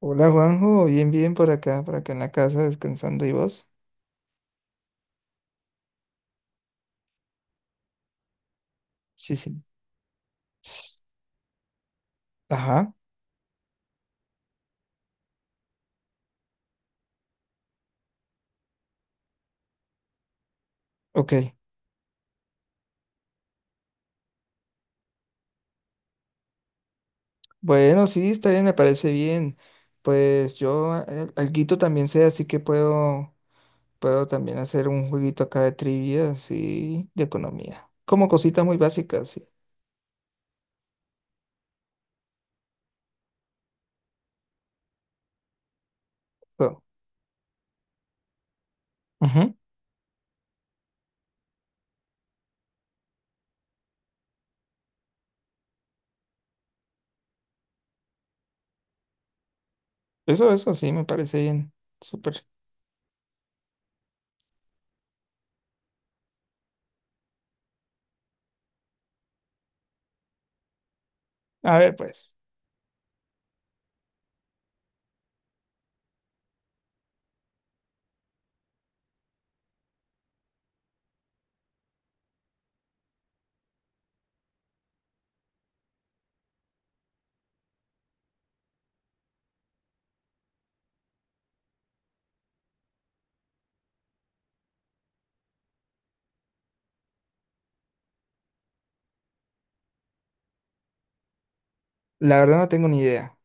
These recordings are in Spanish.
Hola Juanjo, bien, bien por acá en la casa descansando y vos. Sí, sí. S- Ajá, OK. Bueno, sí, está bien, me parece bien. Pues yo alguito también sé, así que puedo también hacer un jueguito acá de trivia, sí, de economía. Como cositas muy básicas, sí. So, Ujú. Eso, sí, me parece bien. Súper. A ver, pues, la verdad no tengo ni idea.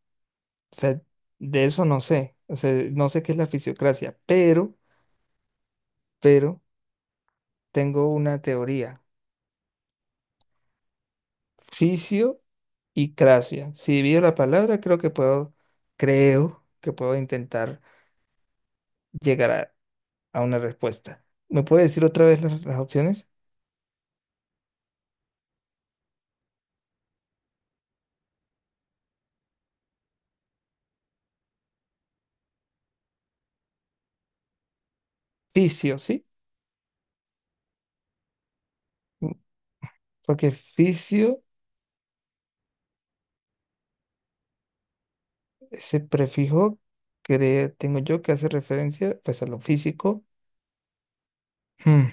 O sea, de eso no sé. O sea, no sé qué es la fisiocracia, pero. Tengo una teoría. Fisio y cracia. Si divido la palabra, creo que puedo intentar llegar a una respuesta. ¿Me puede decir otra vez las opciones? Fisio, ¿sí? Mm, Porque fisio, ese prefijo que tengo yo que hace referencia pues a lo físico. Hmm,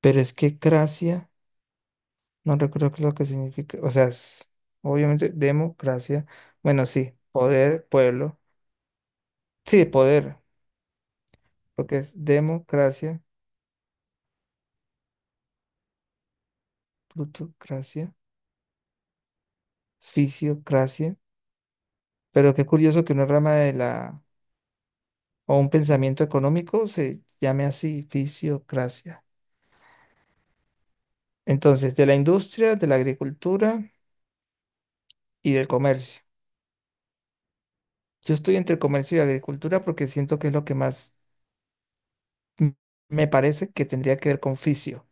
Pero es que cracia, no recuerdo qué es lo que significa. O sea, obviamente democracia. Bueno, sí, poder, pueblo. Sí, poder. Lo que es democracia, plutocracia, fisiocracia. Pero qué curioso que una rama de la o un pensamiento económico se llame así, fisiocracia. Entonces, de la industria, de la agricultura y del comercio. Yo estoy entre comercio y agricultura porque siento que es lo que más m- me parece que tendría que ver con fisio.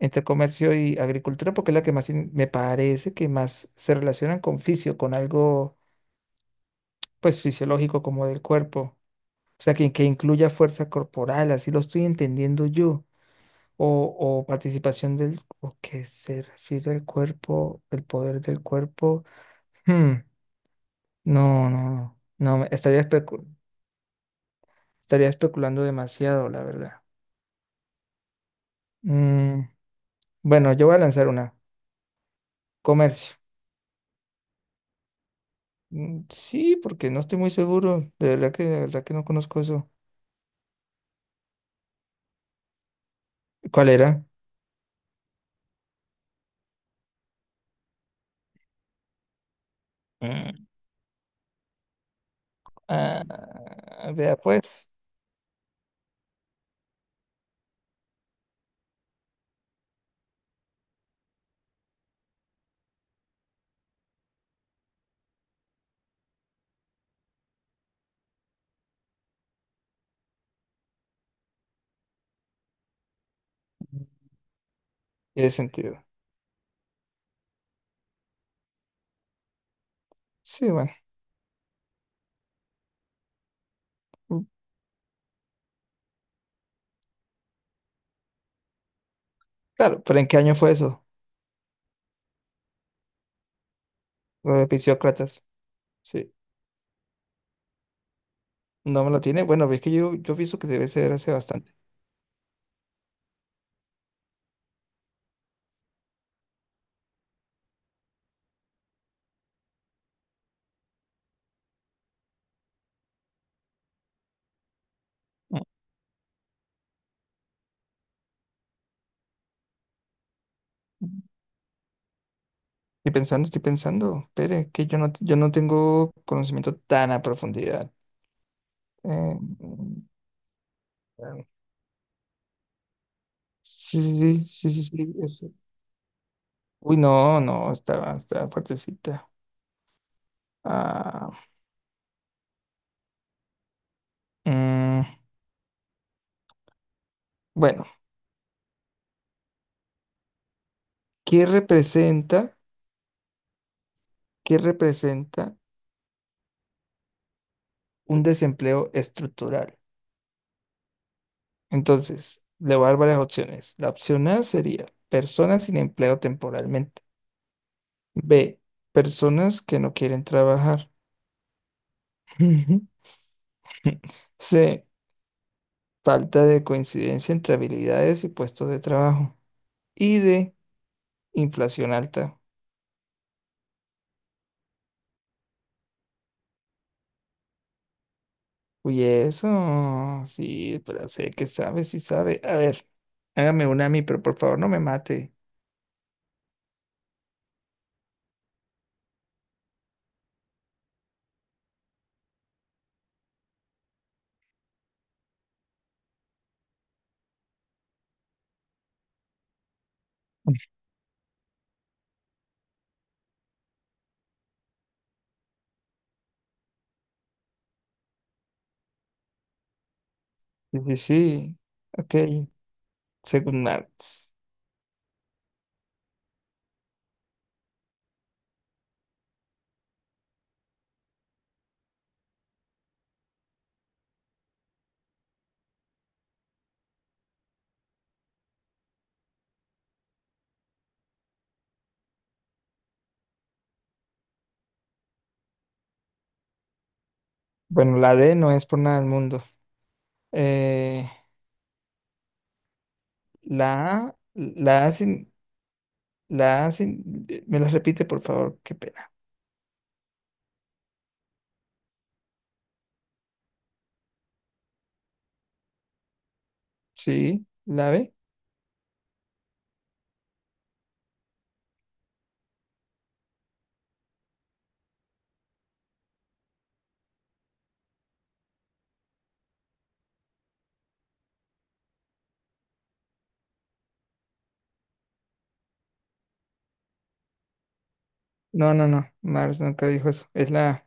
Entre comercio y agricultura porque es la que más me parece que más se relacionan con fisio, con algo pues fisiológico como del cuerpo. O sea, que incluya fuerza corporal, así lo estoy entendiendo yo. O, o participación del, o que se refiere al cuerpo, el poder del cuerpo. Hmm, No, no, no. No, estaría especulando demasiado, la verdad. Mm, bueno, yo voy a lanzar una. Comercio. Mm, sí, porque no estoy muy seguro. De verdad que no conozco eso. ¿Cuál era? Mm, ah, vea, pues, tiene sentido. Sí, bueno. Mm, claro, pero ¿en qué año fue eso? Lo de Fisiócratas. Sí. No me lo tiene. Bueno, es que yo pienso que debe ser hace bastante. Mm. Estoy pensando, estoy pensando. Espere, que yo no tengo conocimiento tan a profundidad. Eh, mm, sí, sí, sí, sí, sí, sí, eso. Uy, no, no, estaba fuertecita. Ah, mm, bueno, ¿qué representa, qué representa un desempleo estructural? Entonces, le voy a dar varias opciones. La opción A sería personas sin empleo temporalmente. B, personas que no quieren trabajar. C, falta de coincidencia entre habilidades y puestos de trabajo. Y D, inflación alta. Uy, eso, sí, pero sé que sabe, sí sabe. A ver, hágame una a mí, pero por favor no me mate. Sí, sí, sí. OK, según Marx. Bueno, la D no es por nada del mundo. Eh, La A, la A sin, la A sin, me las repite, por favor, qué pena. Sí, la B. No, no, no, Mars nunca dijo eso. Es la A.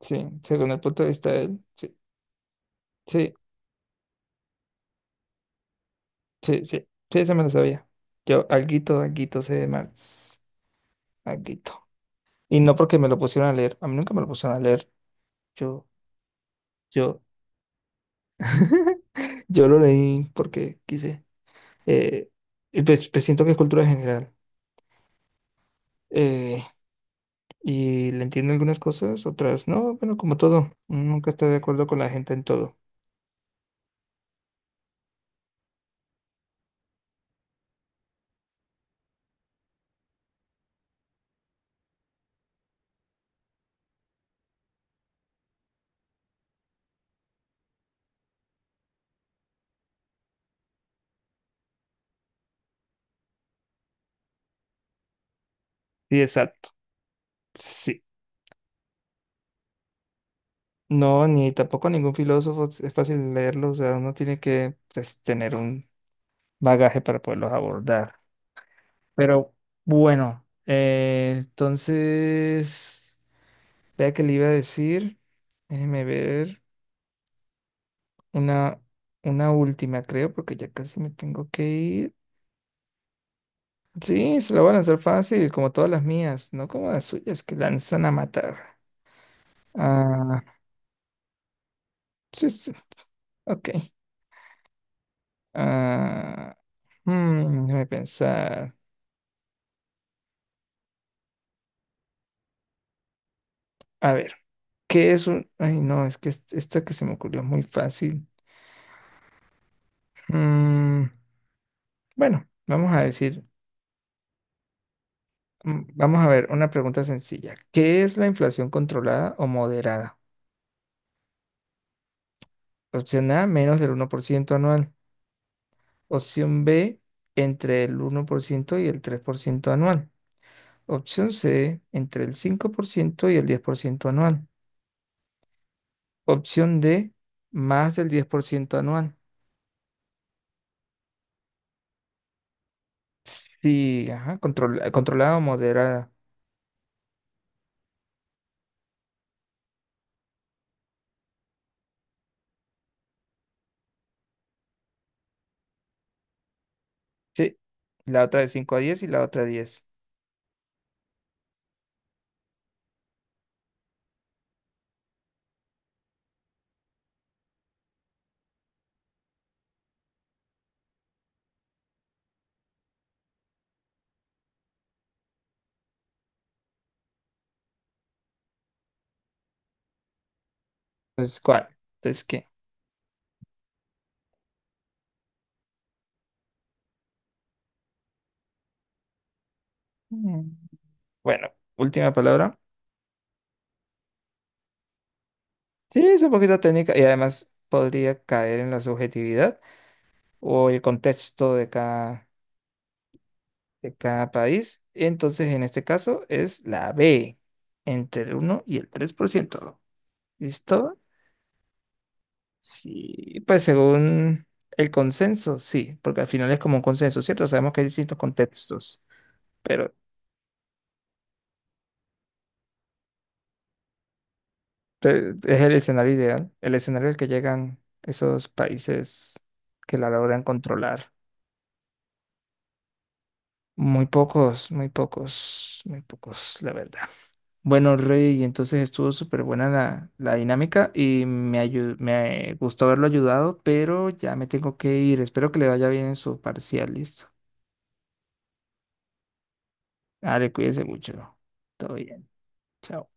Sí, según el punto de vista de él. Sí, sí, sí, sí, sí, esa me lo sabía. Yo, alguito sé de Marx. Alguito. Y no porque me lo pusieron a leer. A mí nunca me lo pusieron a leer. Yo, yo, yo lo leí porque quise. Eh, y pues siento que es cultura general. Eh, y le entiendo algunas cosas, otras no, bueno, como todo, nunca estoy de acuerdo con la gente en todo. Sí, exacto. Sí. No, ni tampoco ningún filósofo es fácil leerlo, o sea, uno tiene que pues, tener un bagaje para poderlos abordar. Pero bueno, entonces, vea que le iba a decir, déjeme ver una, una última, creo, porque ya casi me tengo que ir. Sí, se lo van a hacer fácil, como todas las mías, no como las suyas que lanzan a matar. Ah, sí, sí, OK. Ah, déjame pensar. A ver. ¿Qué es un...? Ay, no, es que esta que se me ocurrió es muy fácil. Mm, bueno, vamos a decir, vamos a ver, una pregunta sencilla. ¿Qué es la inflación controlada o moderada? Opción A, menos del 1% anual. Opción B, entre el 1% y el 3% anual. Opción C, entre el 5% y el 10% anual. Opción D, más del 10% anual. Sí, ajá, controlada o moderada. Sí, la otra de cinco a 10 y la otra de 10. Entonces, ¿cuál? Entonces, ¿qué? Mm. Bueno, última palabra. Sí, es un poquito técnica y además podría caer en la subjetividad o el contexto de cada país. Entonces, en este caso es la B, entre el 1 y el 3%. ¿Listo? Sí, pues según el consenso, sí, porque al final es como un consenso, ¿cierto? Sabemos que hay distintos contextos, pero es el escenario ideal, el escenario al que llegan esos países que la logran controlar. Muy pocos, muy pocos, muy pocos, la verdad. Bueno, Rey, entonces estuvo súper buena la dinámica y me gustó haberlo ayudado, pero ya me tengo que ir. Espero que le vaya bien en su parcial, listo. Dale, cuídese mucho. Todo bien. Chao.